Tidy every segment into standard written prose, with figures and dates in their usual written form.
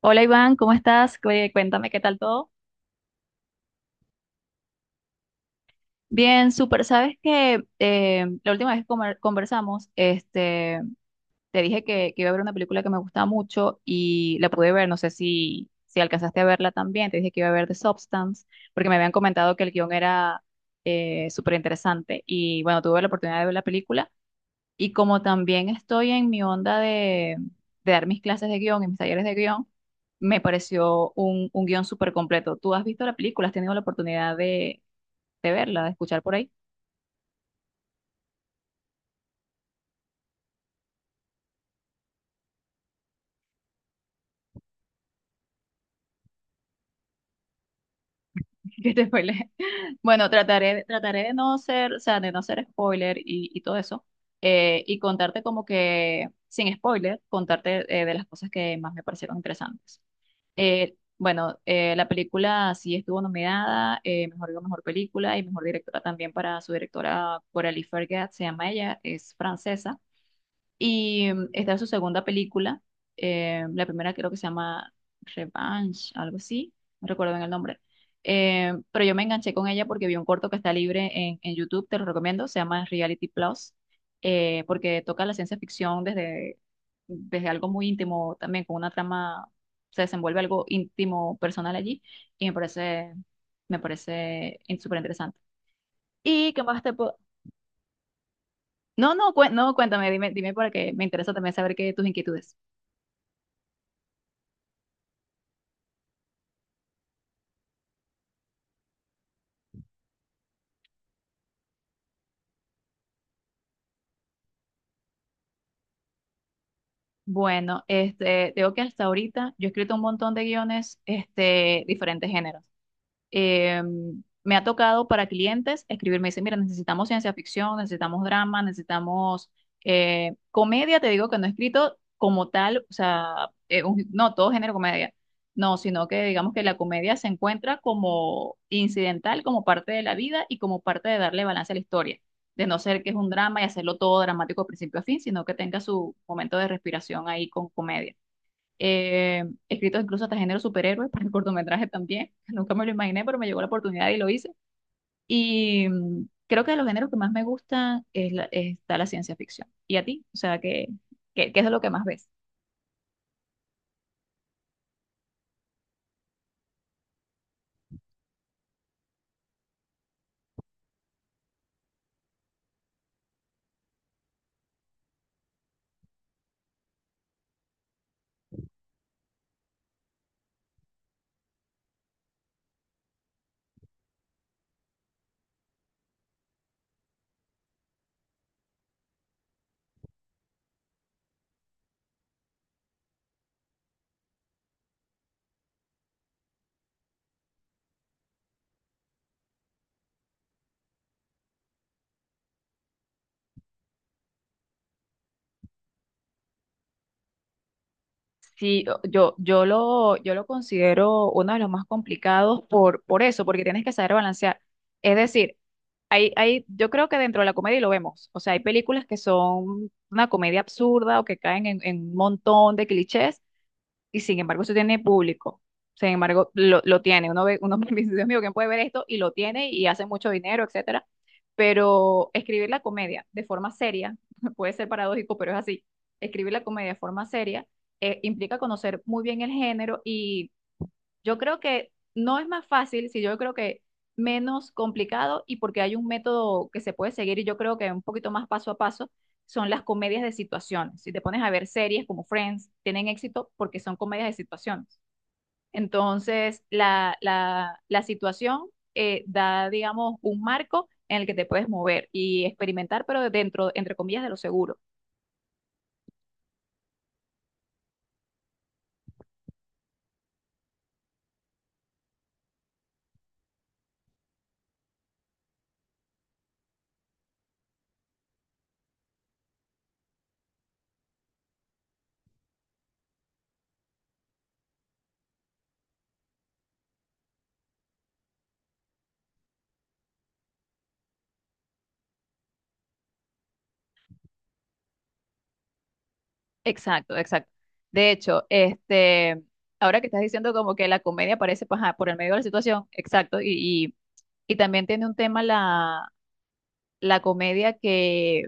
Hola Iván, ¿cómo estás? Cuéntame qué tal todo. Bien, súper. Sabes que la última vez que conversamos, te dije que iba a ver una película que me gustaba mucho y la pude ver. No sé si alcanzaste a verla también. Te dije que iba a ver The Substance porque me habían comentado que el guión era súper interesante. Y bueno, tuve la oportunidad de ver la película. Y como también estoy en mi onda de dar mis clases de guión y mis talleres de guión, me pareció un guión súper completo. ¿Tú has visto la película? ¿Has tenido la oportunidad de verla, de escuchar por ahí? ¿Qué te spoilé? Bueno, trataré de no ser, o sea, de no ser spoiler y todo eso, y contarte como que, sin spoiler, contarte de las cosas que más me parecieron interesantes. Bueno, la película sí estuvo nominada, mejor digo, mejor película y mejor directora también para su directora Coralie Fergat, se llama ella, es francesa. Y mm, esta es su segunda película. La primera creo que se llama Revenge, algo así. No recuerdo bien el nombre. Pero yo me enganché con ella porque vi un corto que está libre en YouTube, te lo recomiendo. Se llama Reality Plus, porque toca la ciencia ficción desde algo muy íntimo, también con una trama, se desenvuelve algo íntimo, personal allí. Y me parece súper interesante. ¿Y qué más te puedo...? No, cuéntame, dime para que me interesa también saber qué tus inquietudes. Bueno, tengo que hasta ahorita yo he escrito un montón de guiones, diferentes géneros, eh, me ha tocado para clientes escribirme, dicen, mira, necesitamos ciencia ficción, necesitamos drama, necesitamos comedia. Te digo que no he escrito como tal, o sea, no, todo género comedia, no, sino que digamos que la comedia se encuentra como incidental, como parte de la vida y como parte de darle balance a la historia, de no ser que es un drama y hacerlo todo dramático de principio a fin, sino que tenga su momento de respiración ahí con comedia. eh, Escritos incluso hasta género superhéroe para el cortometraje también. Nunca me lo imaginé, pero me llegó la oportunidad y lo hice. Y mm, creo que de los géneros que más me gustan es la, está la ciencia ficción. ¿Y a ti? O sea, ¿qué, qué, qué es de lo que más ves? Sí, yo lo considero uno de los más complicados por eso, porque tienes que saber balancear. Es decir, yo creo que dentro de la comedia y lo vemos. O sea, hay películas que son una comedia absurda o que caen en un montón de clichés y sin embargo eso tiene público. Sin embargo, lo tiene. Uno ve, uno dice, Dios mío, ¿quién puede ver esto? Y lo tiene y hace mucho dinero, etcétera. Pero escribir la comedia de forma seria, puede ser paradójico, pero es así. Escribir la comedia de forma seria implica conocer muy bien el género y yo creo que no es más fácil, si yo creo que menos complicado, y porque hay un método que se puede seguir y yo creo que un poquito más paso a paso son las comedias de situaciones. Si te pones a ver series como Friends, tienen éxito porque son comedias de situaciones. Entonces, la situación da, digamos, un marco en el que te puedes mover y experimentar, pero dentro, entre comillas, de lo seguro. Exacto, exacto. De hecho, ahora que estás diciendo como que la comedia aparece paja, por el medio de la situación, exacto, y también tiene un tema la, la comedia que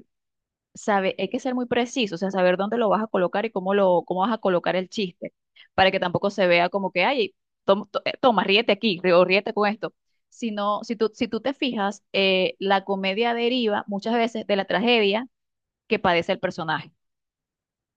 sabe, hay que ser muy preciso, o sea, saber dónde lo vas a colocar y cómo lo, cómo vas a colocar el chiste, para que tampoco se vea como que, ay, toma, ríete aquí, o ríete con esto. Sino, si tú te fijas, la comedia deriva muchas veces de la tragedia que padece el personaje.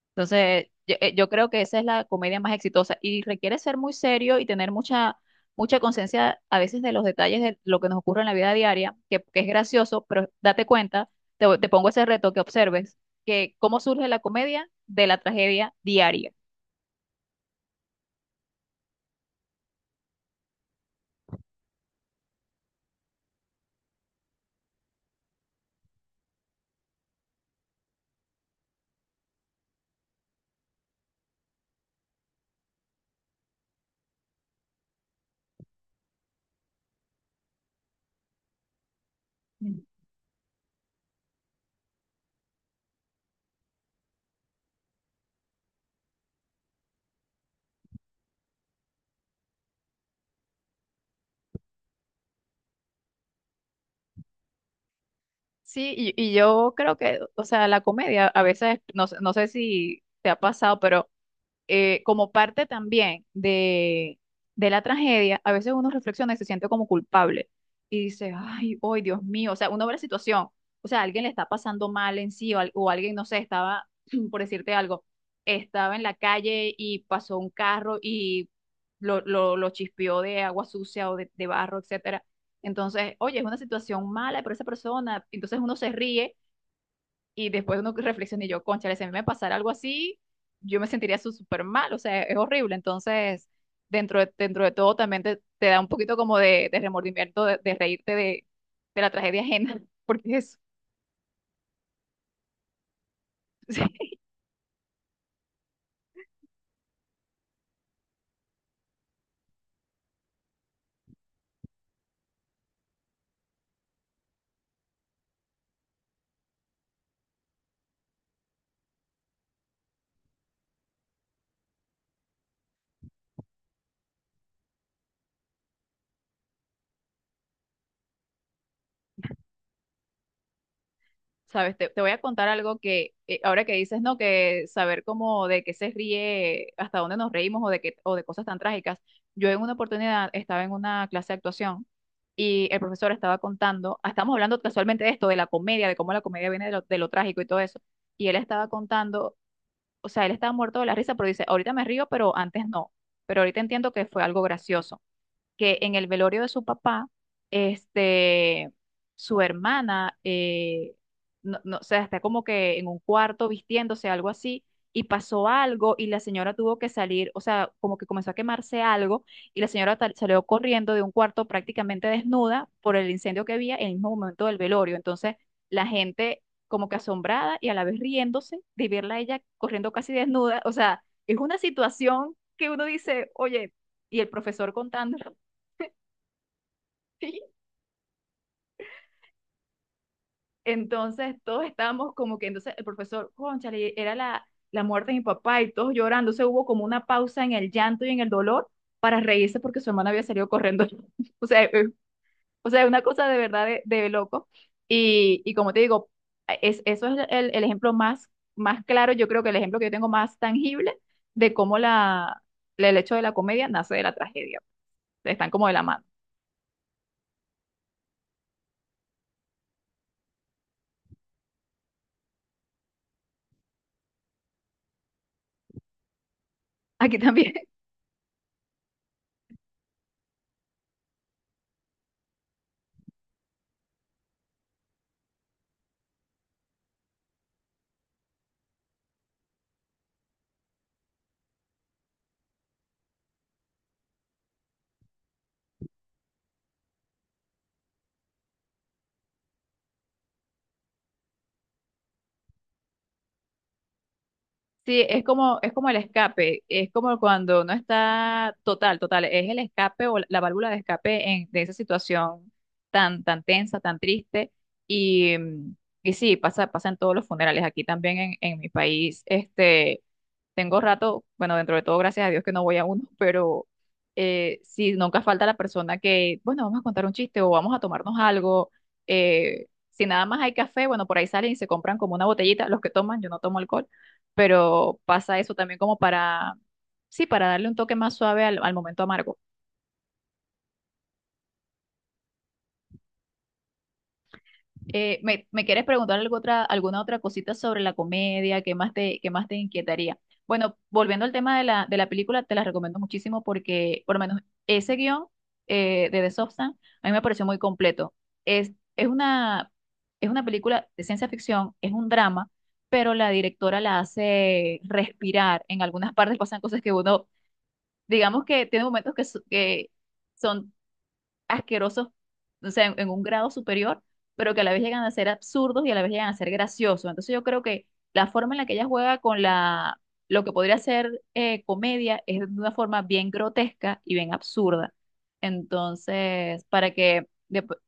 Entonces, yo creo que esa es la comedia más exitosa y requiere ser muy serio y tener mucha, mucha conciencia a veces de los detalles de lo que nos ocurre en la vida diaria, que es gracioso, pero date cuenta, te pongo ese reto que observes, que cómo surge la comedia de la tragedia diaria. Sí, y yo creo que, o sea, la comedia a veces, no sé si te ha pasado, pero como parte también de la tragedia, a veces uno reflexiona y se siente como culpable y dice, ay, hoy, Dios mío, o sea, uno ve la situación, o sea, alguien le está pasando mal en sí o alguien, no sé, estaba, por decirte algo, estaba en la calle y pasó un carro y lo chispeó de agua sucia o de barro, etcétera. Entonces, oye, es una situación mala para esa persona, entonces uno se ríe y después uno reflexiona y yo, cónchale, si a mí me pasara algo así, yo me sentiría súper mal, o sea, es horrible. Entonces, dentro de todo también te da un poquito como de remordimiento de reírte de la tragedia ajena, porque es... Sabes, te voy a contar algo que, ahora que dices, ¿no? Que saber cómo de qué se ríe, hasta dónde nos reímos o de qué, o de cosas tan trágicas. Yo en una oportunidad estaba en una clase de actuación y el profesor estaba contando, estamos hablando casualmente de esto, de la comedia, de cómo la comedia viene de lo trágico y todo eso. Y él estaba contando, o sea, él estaba muerto de la risa, pero dice, ahorita me río, pero antes no. Pero ahorita entiendo que fue algo gracioso que en el velorio de su papá, este, su hermana, no, o sea, está como que en un cuarto vistiéndose, algo así, y pasó algo y la señora tuvo que salir, o sea, como que comenzó a quemarse algo y la señora salió corriendo de un cuarto prácticamente desnuda por el incendio que había en el mismo momento del velorio. Entonces, la gente como que asombrada y a la vez riéndose de verla a ella corriendo casi desnuda, o sea, es una situación que uno dice, oye, y el profesor contando. Sí. Entonces todos estábamos como que, entonces el profesor, cónchale, era la muerte de mi papá y todos llorando. Se hubo como una pausa en el llanto y en el dolor para reírse porque su hermana había salido corriendo. O sea, eh, o sea, una cosa de verdad de loco. Y como te digo, es, eso es el ejemplo más, más claro, yo creo que el ejemplo que yo tengo más tangible de cómo la, el hecho de la comedia nace de la tragedia. Están como de la mano. Aquí también. Sí, es como el escape, es como cuando no está total, total, es el escape o la válvula de escape en, de esa situación tan, tan tensa, tan triste. Y, mm, y sí, pasa, pasa en todos los funerales. Aquí también en mi país, tengo rato, bueno, dentro de todo, gracias a Dios que no voy a uno, pero sí, nunca falta la persona que, bueno, vamos a contar un chiste o vamos a tomarnos algo. Si nada más hay café, bueno, por ahí salen y se compran como una botellita, los que toman, yo no tomo alcohol, pero pasa eso también como para, sí, para darle un toque más suave al, al momento amargo. ¿ me quieres preguntar algo otra, alguna otra cosita sobre la comedia? ¿Qué más qué más te inquietaría? Bueno, volviendo al tema de la película, te la recomiendo muchísimo porque, por lo menos, ese guión de The Substance a mí me pareció muy completo. Es, es una, es una película de ciencia ficción, es un drama, pero la directora la hace respirar. En algunas partes pasan cosas que uno, digamos que tiene momentos que, que son asquerosos, o sea, en un grado superior, pero que a la vez llegan a ser absurdos y a la vez llegan a ser graciosos. Entonces yo creo que la forma en la que ella juega con la, lo que podría ser comedia es de una forma bien grotesca y bien absurda. Entonces, para que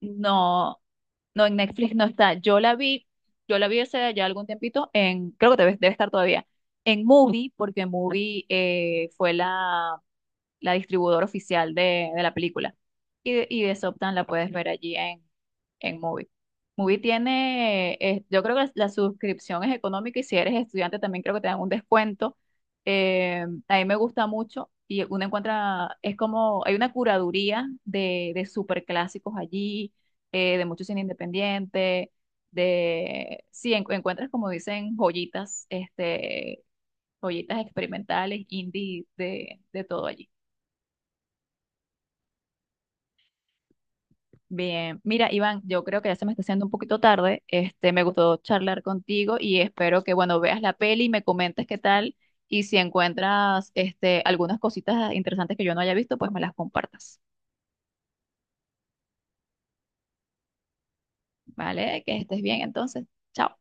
no, no en Netflix no está. Yo la vi hace ya algún tiempito en, creo que debe, debe estar todavía, en Movie, porque Movie fue la, la distribuidora oficial de la película. Y de Desoptan la puedes ver allí en Mubi. Mubi tiene, yo creo que la suscripción es económica y si eres estudiante también creo que te dan un descuento. A mí me gusta mucho y uno encuentra, es como, hay una curaduría de superclásicos allí, de mucho cine independiente, de, sí, encuentras como dicen joyitas, joyitas experimentales, indie, de todo allí. Bien, mira, Iván, yo creo que ya se me está haciendo un poquito tarde. Me gustó charlar contigo y espero que, bueno, veas la peli y me comentes qué tal y si encuentras este algunas cositas interesantes que yo no haya visto, pues me las compartas. ¿Vale? Que estés bien entonces. Chao.